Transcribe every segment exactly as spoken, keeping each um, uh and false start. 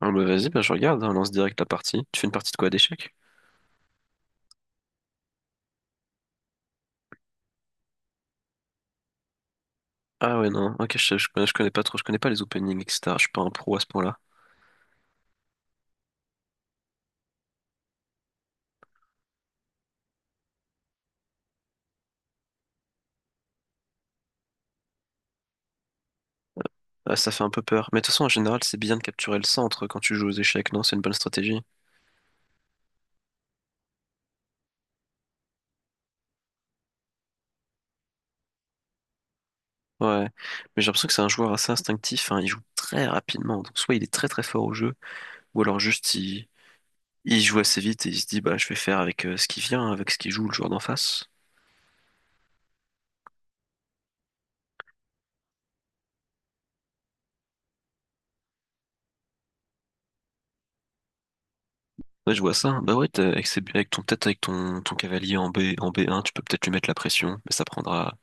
Ah bah vas-y, bah je regarde, hein, on lance direct la partie. Tu fais une partie de quoi, d'échecs? Ah ouais, non, ok, je, je connais, je connais pas trop, je connais pas les openings, et cetera. Je suis pas un pro à ce point-là. Ah, ça fait un peu peur. Mais de toute façon, en général, c'est bien de capturer le centre quand tu joues aux échecs, non? C'est une bonne stratégie. Ouais. Mais j'ai l'impression que c'est un joueur assez instinctif, hein. Il joue très rapidement. Donc soit il est très très fort au jeu, ou alors juste il, il joue assez vite et il se dit, bah je vais faire avec euh, ce qui vient, avec ce qui joue le joueur d'en face. Ouais, je vois ça. Bah ouais, t'as- avec, ses- avec ton, peut-être avec ton, ton cavalier en B, en B un, tu peux peut-être lui mettre la pression, mais ça prendra.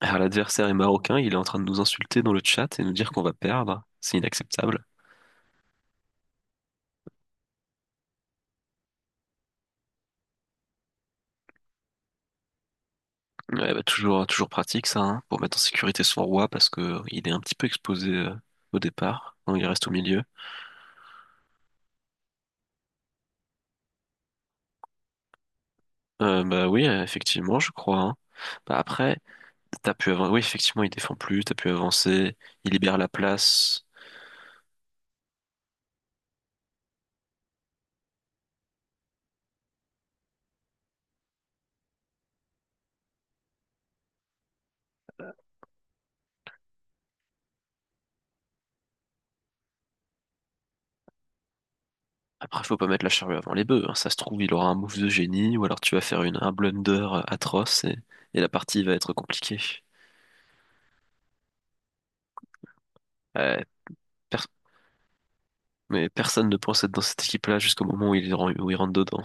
Alors, l'adversaire est marocain, il est en train de nous insulter dans le chat et nous dire qu'on va perdre. C'est inacceptable. Ouais, bah, toujours, toujours pratique ça, hein, pour mettre en sécurité son roi parce que il est un petit peu exposé euh, au départ, donc il reste au milieu. Euh, bah oui, euh, effectivement, je crois, hein. Bah après, t'as pu avancer. Oui, effectivement, il défend plus, t'as pu avancer, il libère la place. Après, faut pas mettre la charrue avant les bœufs, hein. Ça se trouve, il aura un move de génie, ou alors tu vas faire une, un blunder euh, atroce et, et la partie va être compliquée. Ouais. Mais personne ne pense être dans cette équipe-là jusqu'au moment où il, ren- où il rentre dedans.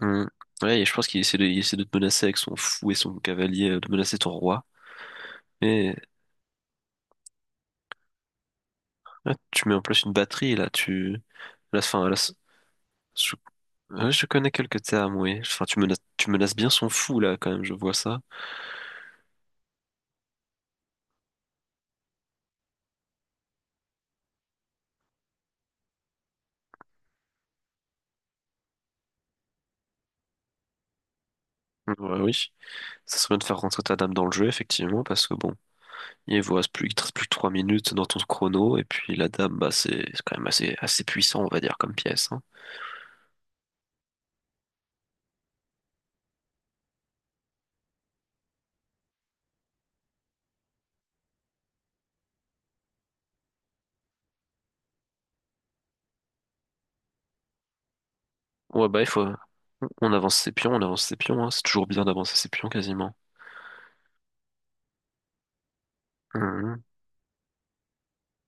Hmm. Ouais, et je pense qu'il essaie de, il essaie de te menacer avec son fou et son cavalier, euh, de menacer ton roi. Mais là, tu mets en place une batterie, là, tu... Là, fin, là, je, ouais, je connais quelques termes, oui. Enfin, tu menaces, tu menaces bien son fou, là, quand même, je vois ça. Ouais, oui. Ça serait bien de faire rentrer ta dame dans le jeu, effectivement, parce que bon... Il vous reste plus, il te reste plus que trois minutes dans ton chrono, et puis la dame, bah, c'est c'est quand même assez, assez puissant, on va dire, comme pièce, hein. Ouais, bah, il faut, on avance ses pions, on avance ses pions, hein. C'est toujours bien d'avancer ses pions, quasiment. Mhm.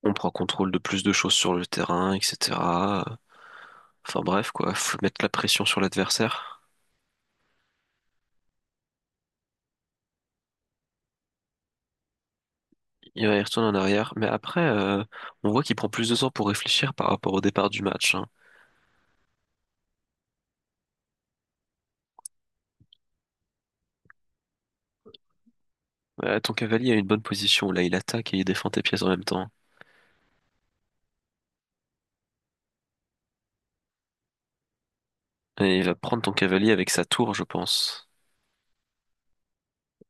On prend contrôle de plus de choses sur le terrain, et cetera. Enfin bref, quoi, faut mettre la pression sur l'adversaire. Il va y retourner en arrière, mais après, euh, on voit qu'il prend plus de temps pour réfléchir par rapport au départ du match, hein. Euh, ton cavalier a une bonne position là, il attaque et il défend tes pièces en même temps. Et il va prendre ton cavalier avec sa tour, je pense.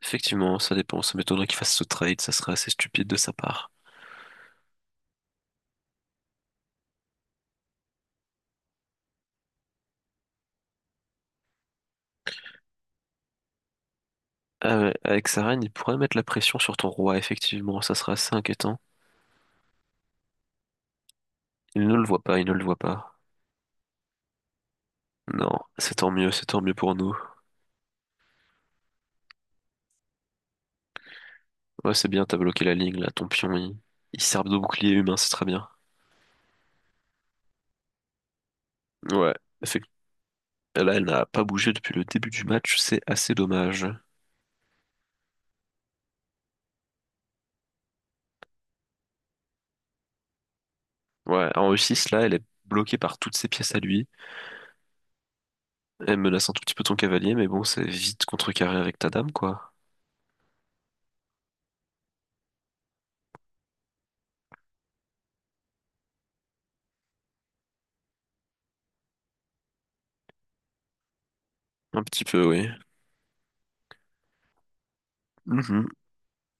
Effectivement, ça dépend, ça m'étonnerait qu'il fasse ce trade, ça serait assez stupide de sa part. Ah ouais, avec sa reine, il pourrait mettre la pression sur ton roi, effectivement, ça serait assez inquiétant. Il ne le voit pas, il ne le voit pas. Non, c'est tant mieux, c'est tant mieux pour nous. Ouais, c'est bien, t'as bloqué la ligne là, ton pion, il, il sert de bouclier humain, c'est très bien. Ouais, effectivement. Là, elle n'a pas bougé depuis le début du match, c'est assez dommage. Ouais, en E six, là, elle est bloquée par toutes ses pièces à lui. Elle menace un tout petit peu ton cavalier, mais bon, c'est vite contrecarré avec ta dame, quoi. Un petit peu, oui. Mhm.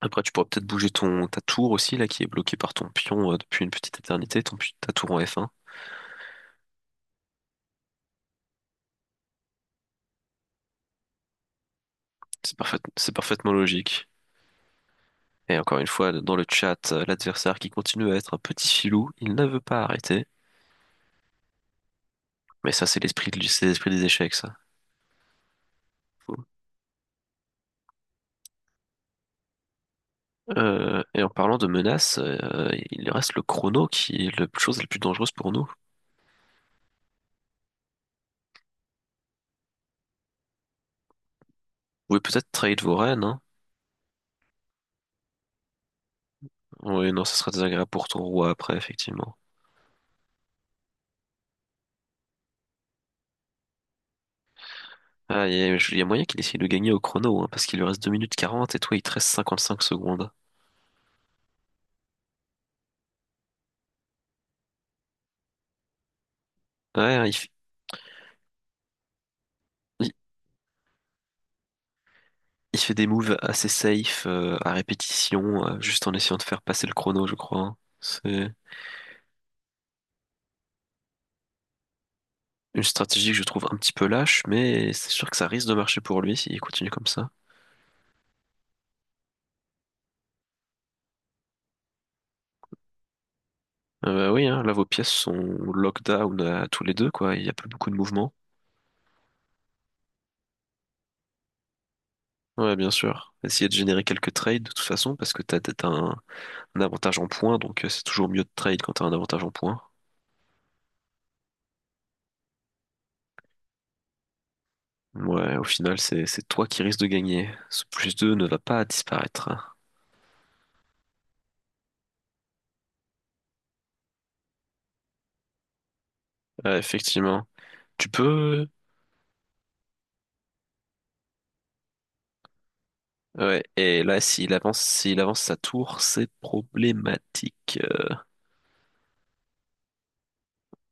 Après, tu pourras peut-être bouger ton, ta tour aussi, là, qui est bloquée par ton pion euh, depuis une petite éternité, ton, pi- ta tour en F un. C'est parfait, c'est parfaitement logique. Et encore une fois, dans le chat, euh, l'adversaire qui continue à être un petit filou, il ne veut pas arrêter. Mais ça, c'est l'esprit de- c'est l'esprit des échecs, ça. Faut- Euh, et en parlant de menaces, euh, il reste le chrono qui est la chose la plus dangereuse pour nous. Vous pouvez peut-être trahir vos reines, hein. Oui, non, ça sera désagréable pour ton roi après, effectivement. Ah, il y a, il y a moyen qu'il essaye de gagner au chrono, hein, parce qu'il lui reste deux minutes quarante et toi, il te reste cinquante cinq secondes. Ouais, il, f- il- il fait des moves assez safe, euh, à répétition, euh, juste en essayant de faire passer le chrono, je crois, hein. C'est une stratégie que je trouve un petit peu lâche, mais c'est sûr que ça risque de marcher pour lui s'il continue comme ça. Euh, bah oui, hein, là, vos pièces sont lockdown à tous les deux, quoi. Il n'y a plus beaucoup de mouvement. Ouais, bien sûr. Essayez de générer quelques trades, de toute façon, parce que t'as, t'as un un avantage en points, donc euh, c'est toujours mieux de trade quand t'as un avantage en points. Ouais, au final, c'est c'est toi qui risques de gagner. Ce plus deux ne va pas disparaître, hein. Ouais, effectivement. Tu peux... Ouais, et là, s'il avance, s'il avance sa tour, c'est problématique. Euh,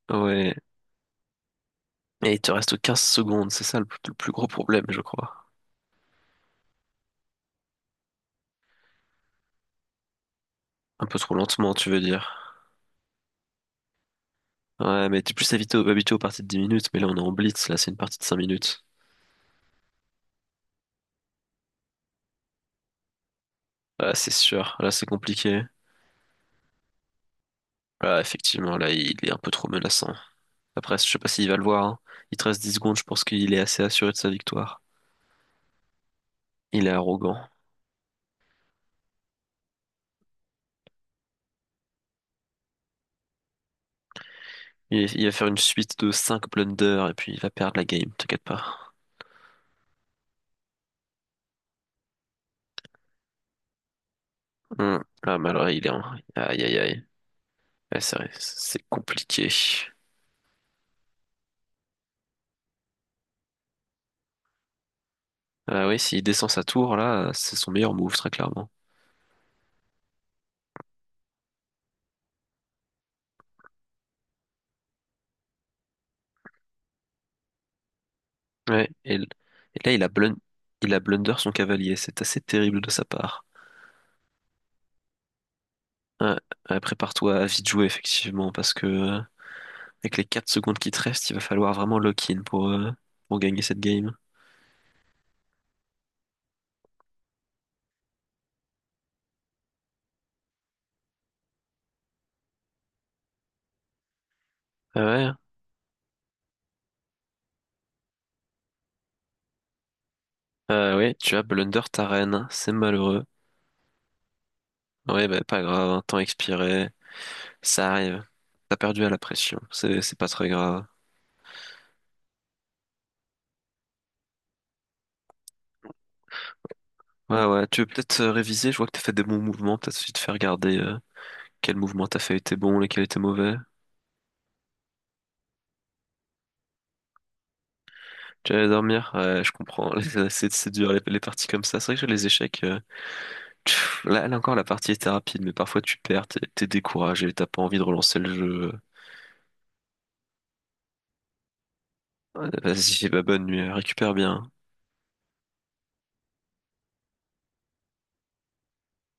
Ouais. Et il te reste quinze secondes, c'est ça le plus, le plus gros problème, je crois. Un peu trop lentement, tu veux dire. Ouais, mais t'es plus habitué, habitué aux parties de dix minutes, mais là, on est en blitz, là, c'est une partie de cinq minutes. Ouais, c'est sûr. Là, c'est compliqué. Ah, effectivement, là, il est un peu trop menaçant. Après, je sais pas s'il va le voir, hein. Il te reste dix secondes, je pense qu'il est assez assuré de sa victoire. Il est arrogant. Il, il va faire une suite de cinq blunders et puis il va perdre la game, t'inquiète pas. Hum. Ah, mais alors, il est en... Aïe, aïe, aïe. Ouais, c'est vrai, c'est compliqué. Ah oui, s'il descend sa tour, là, c'est son meilleur move, très clairement. Ouais, et, l- et là, il a blun... il a blunder son cavalier. C'est assez terrible de sa part. Ouais, ouais, prépare-toi à vite jouer, effectivement, parce que... Avec les quatre secondes qui te restent, il va falloir vraiment lock-in pour, euh, pour gagner cette game. Ah ouais, ah ouais, tu as blunder ta reine, c'est malheureux. Ouais, bah pas grave, hein, temps expiré, ça arrive. T'as perdu à la pression, c'est c'est pas très grave. Ouais, ouais, tu veux peut-être euh, réviser, je vois que t'as fait des bons mouvements, peut-être suffit de faire regarder euh, quel mouvement t'as fait était bon, lesquels étaient mauvais. Tu allais dormir? Ouais, je comprends, c'est c'est c'est dur les, les parties comme ça. C'est vrai que sur les échecs, euh, pff, là, là encore la partie était rapide, mais parfois tu perds, t'es t'es découragé, t'as pas envie de relancer le jeu. Ouais, vas-y, bah bonne nuit, récupère bien.